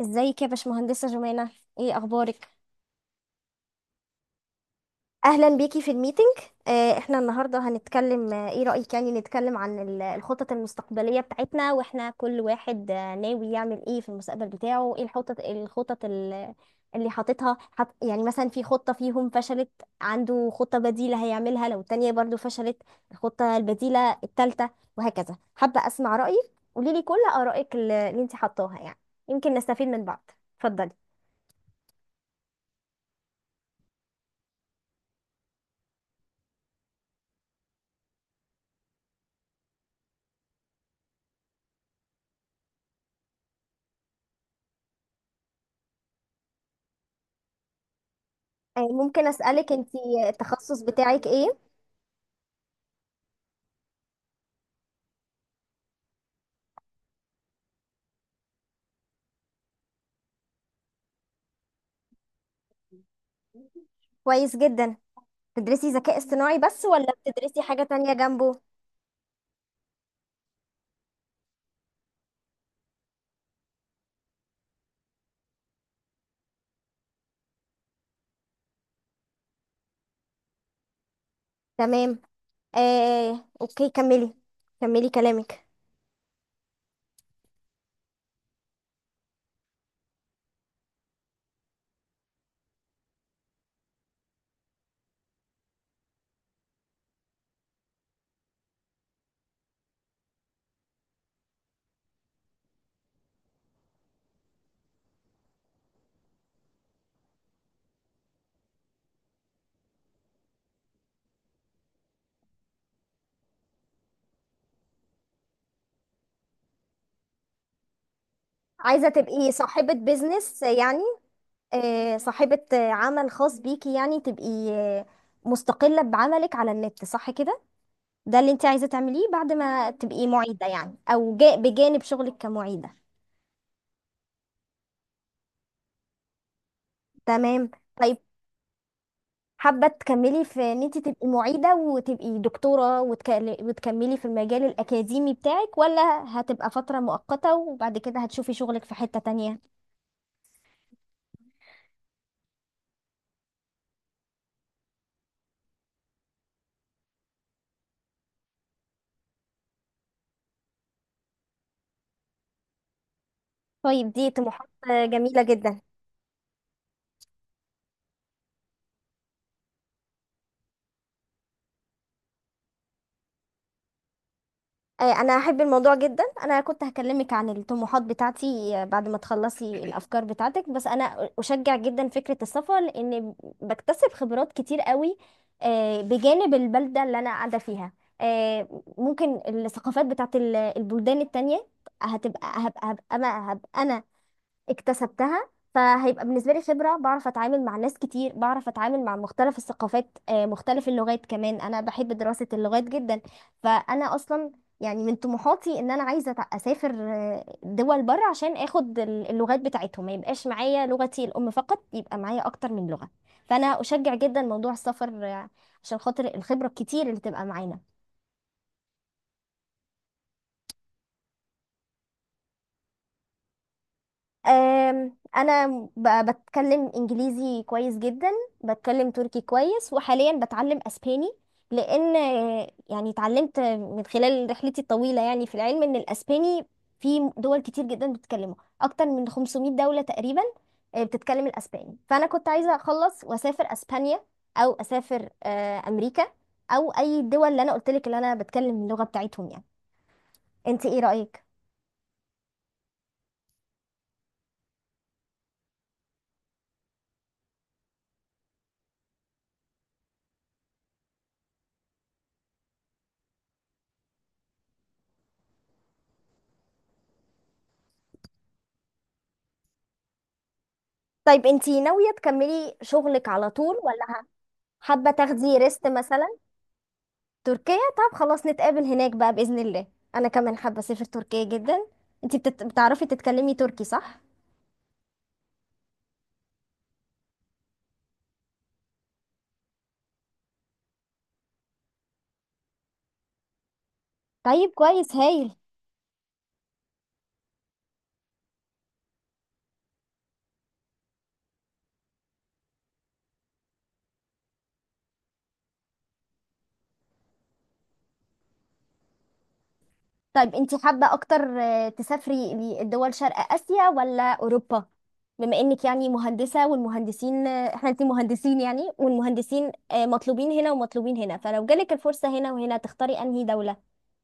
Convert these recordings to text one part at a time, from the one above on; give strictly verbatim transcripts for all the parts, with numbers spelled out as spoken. ازيك يا باشمهندسة جمانة؟ ايه اخبارك؟ اهلا بيكي في الميتنج. آه، احنا النهارده هنتكلم، آه، ايه رأيك يعني نتكلم عن ال- الخطط المستقبلية بتاعتنا، واحنا كل واحد آه، ناوي يعمل ايه في المستقبل بتاعه. ايه الخطط، الخطط ال- اللي حاططها، حط يعني مثلا في خطة فيهم فشلت، عنده خطة بديلة هيعملها لو التانية برضو فشلت، الخطة البديلة التالتة وهكذا. حابة اسمع رأيك، قوليلي كل آرائك اللي اللي انت حطاها، يعني يمكن نستفيد من بعض. اتفضلي. آه، ممكن أسألك انتي، التخصص بتاعك ايه؟ كويس جدا. بتدرسي ذكاء اصطناعي بس ولا بتدرسي حاجة تانية جنبه؟ تمام. آه، اوكي كملي، كملي كلامك. عايزة تبقي صاحبة بيزنس يعني، آه، صاحبة آه، عمل خاص بيكي، يعني تبقي آه، مستقلة بعملك على النت، صح كده؟ ده اللي انت عايزة تعمليه بعد ما تبقي معيدة يعني، او جا- بجانب شغلك كمعيدة؟ تمام. طيب، حابة تكملي في ان انت تبقي معيدة وتبقي دكتورة وتك- وتكملي في المجال الأكاديمي بتاعك، ولا هتبقى فترة مؤقتة وبعد كده هتشوفي شغلك في حتة تانية؟ طيب، دي طموحات جميلة جدا. آه، انا احب الموضوع جدا. انا كنت هكلمك عن الطموحات بتاعتي آه، بعد ما تخلصي الافكار بتاعتك، بس انا اشجع جدا فكرة السفر لان بكتسب خبرات كتير قوي آه، بجانب البلدة اللي انا قاعدة فيها. آه، ممكن الثقافات بتاعت ال- البلدان التانية هتبقى، هبقى هبقى, هبقى, هبقى انا اكتسبتها، فهيبقى بالنسبة لي خبرة. بعرف أتعامل مع ناس كتير، بعرف أتعامل مع مختلف الثقافات، آه، مختلف اللغات كمان. أنا بحب دراسة اللغات جدا، فأنا أصلا يعني من طموحاتي إن أنا عايزة أتع- أسافر آه، دول بره عشان آخد ال- اللغات بتاعتهم. ما يبقاش معايا لغتي الأم فقط، يبقى معايا أكتر من لغة. فأنا أشجع جدا موضوع السفر آه، عشان خاطر الخبرة الكتير اللي تبقى معانا. أم، انا ب- بتكلم انجليزي كويس جدا، بتكلم تركي كويس، وحاليا بتعلم اسباني، لان آه، يعني اتعلمت من خلال رحلتي الطويلة يعني في العلم ان الاسباني في دول كتير جدا بتتكلمه، اكتر من خمسمائة دولة تقريبا آه، بتتكلم الاسباني. فانا كنت عايزة اخلص واسافر اسبانيا، او اسافر آه، امريكا، او اي الدول اللي انا قلت لك اللي انا بتكلم اللغة بتاعتهم يعني. انت ايه رأيك؟ طيب، انت ناوية تكملي شغلك على طول، ولا حابة تاخدي ريست مثلا؟ تركيا، طب خلاص نتقابل هناك بقى بإذن الله، أنا كمان حابة أسافر تركيا جدا. انتي بتت... بتعرفي تتكلمي تركي صح؟ طيب، كويس هايل. طيب، انتي حابة أكتر آه، تسافري لدول شرق آسيا ولا أوروبا؟ بما إنك يعني مهندسة، والمهندسين آه، احنا، انتي مهندسين يعني، والمهندسين آه، مطلوبين هنا ومطلوبين هنا، فلو جالك الفرصة هنا وهنا تختاري أنهي دولة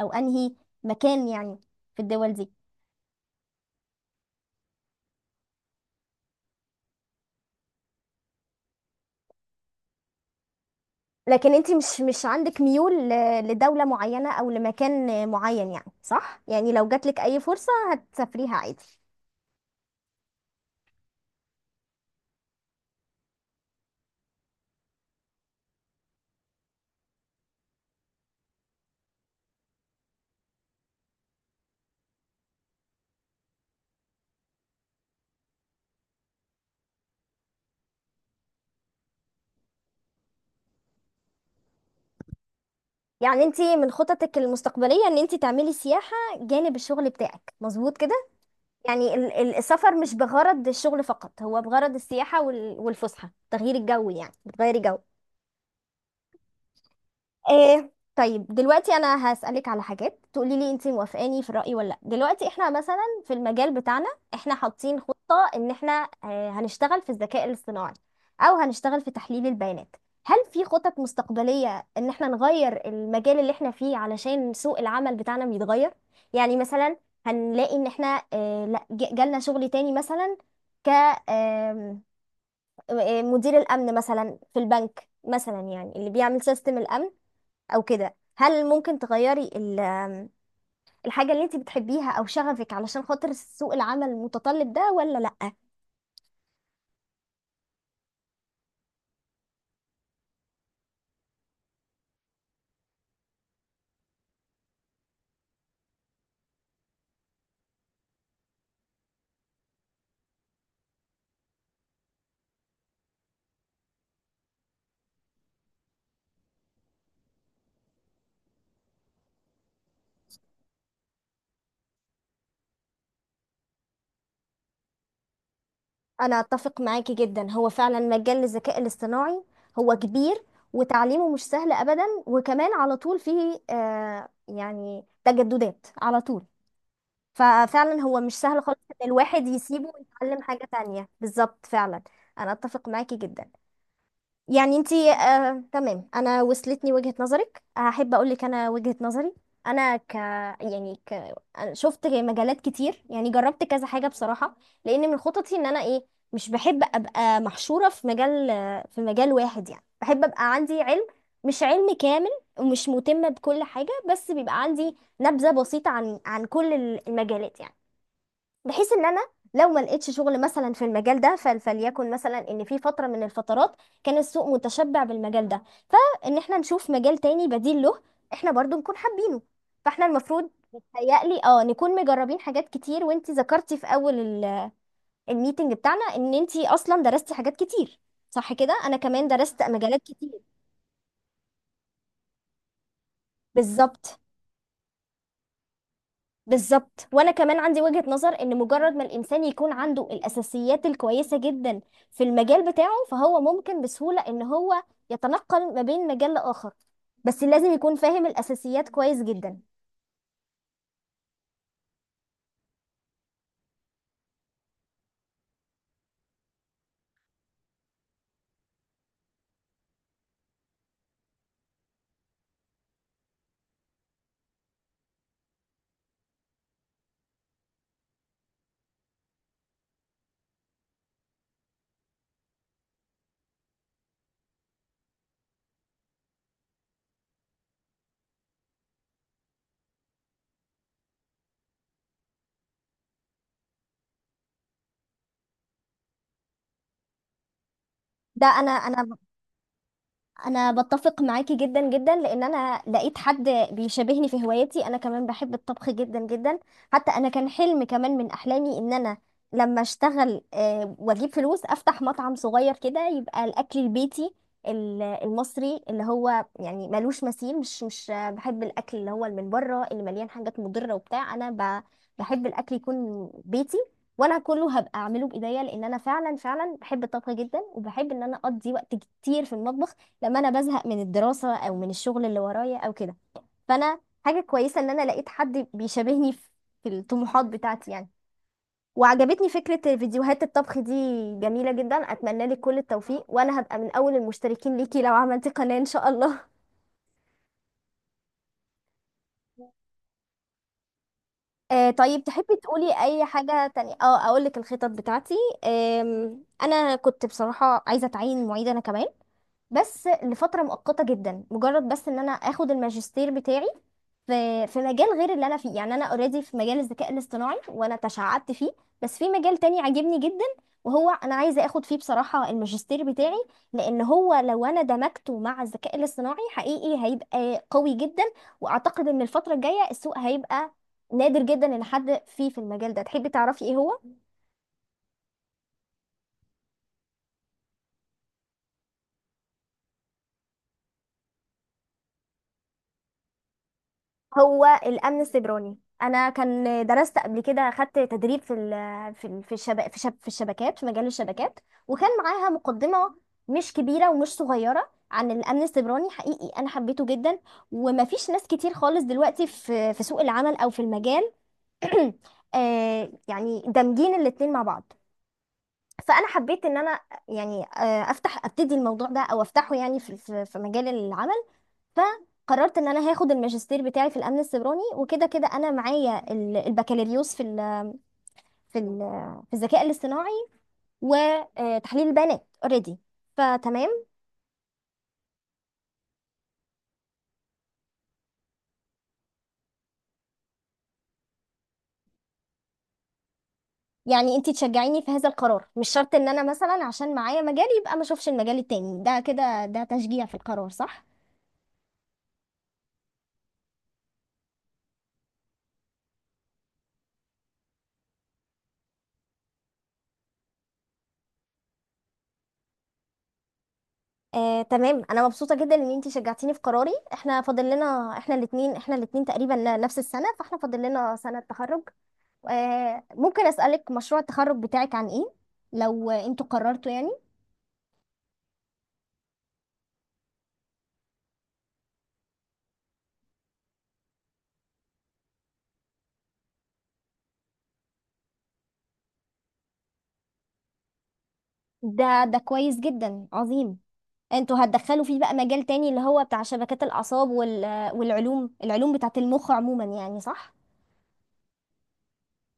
أو أنهي مكان يعني في الدول دي؟ لكن انت مش مش عندك ميول ل- لدولة معينة او لمكان معين يعني، صح؟ يعني لو جاتلك اي فرصة هتسافريها عادي. يعني انت من خططك المستقبلية ان انت تعملي سياحة جانب الشغل بتاعك، مظبوط كده؟ يعني ال- ال- السفر مش بغرض الشغل فقط، هو بغرض السياحة وال- والفسحة، تغيير الجو، يعني بتغيري جو. ايه. طيب، دلوقتي انا هسألك على حاجات تقولي لي انت موافقاني في الرأي ولا لا. دلوقتي احنا مثلا في المجال بتاعنا، احنا حاطين خطة ان احنا آه، هنشتغل في الذكاء الاصطناعي او هنشتغل في تحليل البيانات. هل في خطط مستقبلية ان احنا نغير المجال اللي احنا فيه علشان سوق العمل بتاعنا بيتغير؟ يعني مثلا هنلاقي ان احنا، آه، لا، ج- جالنا شغل تاني مثلا، ك آم، آه، مدير الامن مثلا في البنك مثلا، يعني اللي بيعمل سيستم الامن او كده. هل ممكن تغيري ال- آم، الحاجة اللي انت بتحبيها او شغفك علشان خاطر سوق العمل المتطلب ده، ولا لأ؟ انا اتفق معاكي جدا. هو فعلا مجال الذكاء الاصطناعي هو كبير، وتعليمه مش سهل ابدا، وكمان على طول فيه آه يعني تجددات على طول. ففعلا هو مش سهل خالص ان الواحد يسيبه ويتعلم حاجة تانية، بالظبط فعلا. انا اتفق معاكي جدا. يعني انتي آه، تمام، انا وصلتني وجهة نظرك، هحب اقول لك انا وجهة نظري. انا ك يعني ك أنا شفت مجالات كتير، يعني جربت كذا حاجة بصراحة، لان من خططي ان انا ايه، مش بحب ابقى محشورة في مجال، آه، في مجال واحد يعني. بحب ابقى عندي علم، مش علم كامل ومش مهتمة بكل حاجة، بس بيبقى عندي نبذة بسيطة عن عن كل المجالات يعني، بحيث ان انا لو ما لقيتش شغل مثلا في المجال ده، فل- فليكن مثلا ان في فتره من الفترات كان السوق متشبع بالمجال ده، فان احنا نشوف مجال تاني بديل له احنا برضو نكون حابينه. فاحنا المفروض بيتهيألي اه نكون مجربين حاجات كتير، وانتي ذكرتي في اول ال- الميتنج بتاعنا ان انتي اصلا درستي حاجات كتير، صح كده؟ انا كمان درست مجالات كتير. بالظبط. بالظبط، وانا كمان عندي وجهة نظر ان مجرد ما الانسان يكون عنده الاساسيات الكويسة جدا في المجال بتاعه، فهو ممكن بسهولة ان هو يتنقل ما بين مجال لاخر، بس لازم يكون فاهم الاساسيات كويس جدا. ده انا انا انا بتفق معاكي جدا جدا، لان انا لقيت حد بيشبهني في هوايتي. انا كمان بحب الطبخ جدا جدا، حتى انا كان حلم كمان من احلامي ان انا لما اشتغل آه، واجيب فلوس افتح مطعم صغير كده، يبقى الاكل البيتي ال- المصري اللي هو يعني ملوش مثيل. مش مش آه، بحب الاكل اللي هو اللي من بره اللي مليان حاجات مضرة وبتاع. انا ب- بحب الاكل يكون بيتي، وانا كله هبقى اعمله بايديا، لان انا فعلا فعلا بحب الطبخ جدا، وبحب ان انا اقضي وقت كتير في المطبخ لما انا بزهق من الدراسه او من الشغل اللي ورايا او كده. فانا حاجه كويسه ان انا لقيت حد بيشابهني في في الطموحات بتاعتي يعني. وعجبتني فكره فيديوهات الطبخ دي، جميله جدا. اتمنى لك كل التوفيق، وانا هبقى من اول المشتركين ليكي لو عملتي قناه ان شاء الله. آه طيب، تحبي تقولي اي حاجة تانية؟ اه، اقول لك الخطط بتاعتي. آم، انا كنت بصراحة عايزة اتعين معيد انا كمان، بس لفترة مؤقتة جدا، مجرد بس ان انا اخد الماجستير بتاعي في في مجال غير اللي انا فيه يعني. انا اوريدي في مجال الذكاء الاصطناعي وانا تشعبت فيه، بس في مجال تاني عاجبني جدا وهو انا عايزة اخد فيه بصراحة الماجستير بتاعي، لان هو لو انا دمجته مع الذكاء الاصطناعي حقيقي هيبقى قوي جدا. واعتقد ان الفترة الجاية السوق هيبقى نادر جدا ان حد فيه في المجال ده. تحبي تعرفي ايه هو؟ هو الامن السيبراني. انا كان درست قبل كده، خدت تدريب في ال في ال في الشبا في, شب في الشبكات في مجال الشبكات، وكان معاها مقدمه مش كبيره ومش صغيره عن الامن السيبراني، حقيقي انا حبيته جدا. ومفيش ناس كتير خالص دلوقتي في في سوق العمل او في المجال آه، يعني دامجين الاتنين مع بعض. فانا حبيت ان انا يعني آه، افتح ابتدي الموضوع ده او افتحه يعني في في في مجال العمل. فقررت ان انا هاخد الماجستير بتاعي في الامن السيبراني، وكده كده انا معايا ال- البكالوريوس في ال في ال في الذكاء الاصطناعي وتحليل البيانات اوريدي، فتمام. يعني انتي تشجعيني في هذا القرار؟ مش شرط ان انا مثلا عشان معايا مجال يبقى ما اشوفش المجال التاني ده، كده ده تشجيع في القرار، صح؟ آه، تمام، انا مبسوطه جدا ان انتي شجعتيني في قراري. احنا فاضل لنا، احنا الاثنين، احنا الاثنين تقريبا نفس السنه، فاحنا فاضل لنا سنه تخرج. آه، ممكن أسألك مشروع التخرج بتاعك عن ايه، لو انتوا قررتوا يعني؟ ده ده كويس جدا، عظيم. انتوا هتدخلوا فيه بقى مجال تاني اللي هو بتاع شبكات الأعصاب وال... والعلوم، العلوم بتاعة المخ عموما يعني، صح؟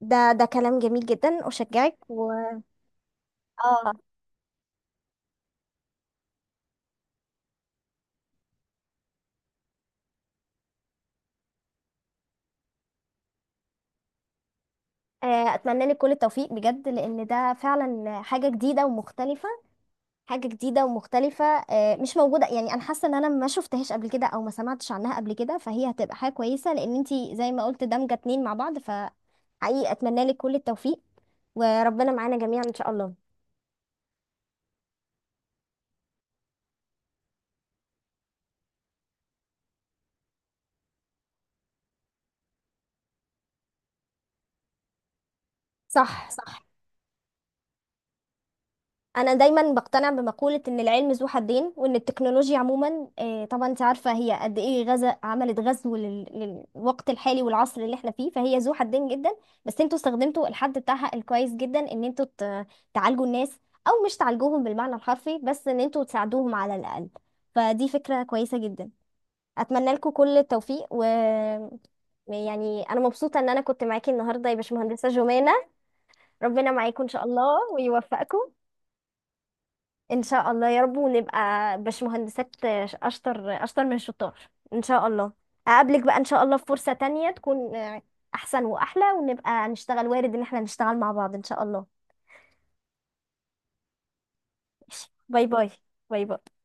ده ده كلام جميل جدا، أشجعك. و اه، آه، أتمنى لك كل التوفيق بجد، لأن ده فعلا حاجة جديدة ومختلفة، حاجة جديدة ومختلفة آه، مش موجودة يعني. أنا حاسة إن أنا ما شفتهاش قبل كده أو ما سمعتش عنها قبل كده، فهي هتبقى حاجة كويسة، لأن أنتي زي ما قلت دمجة اتنين مع بعض. فحقيقي أتمنى لك كل التوفيق، وربنا معانا جميعا إن شاء الله. صح، صح. انا دايما بقتنع بمقولة ان العلم ذو حدين، وان التكنولوجيا عموما آه، طبعا انت عارفة هي قد ايه غزا، عملت غزو لل- للوقت الحالي والعصر اللي احنا فيه، فهي ذو حدين جدا. بس انتوا استخدمتوا الحد بتاعها الكويس جدا ان انتوا ت- تعالجوا الناس، او مش تعالجوهم بالمعنى الحرفي بس، ان انتوا تساعدوهم على الاقل. فدي فكرة كويسة جدا، اتمنى لكم كل التوفيق. و يعني انا مبسوطة ان انا كنت معاكي النهاردة يا باشمهندسة جمانة. ربنا معاكم ان شاء الله ويوفقكم. ان شاء الله يا رب، ونبقى باشمهندسات اشطر، اشطر من الشطار ان شاء الله. اقابلك بقى ان شاء الله في فرصة تانية تكون آه، احسن واحلى، ونبقى نشتغل. وارد ان احنا نشتغل مع بعض ان شاء الله. ماشي. باي باي. باي باي.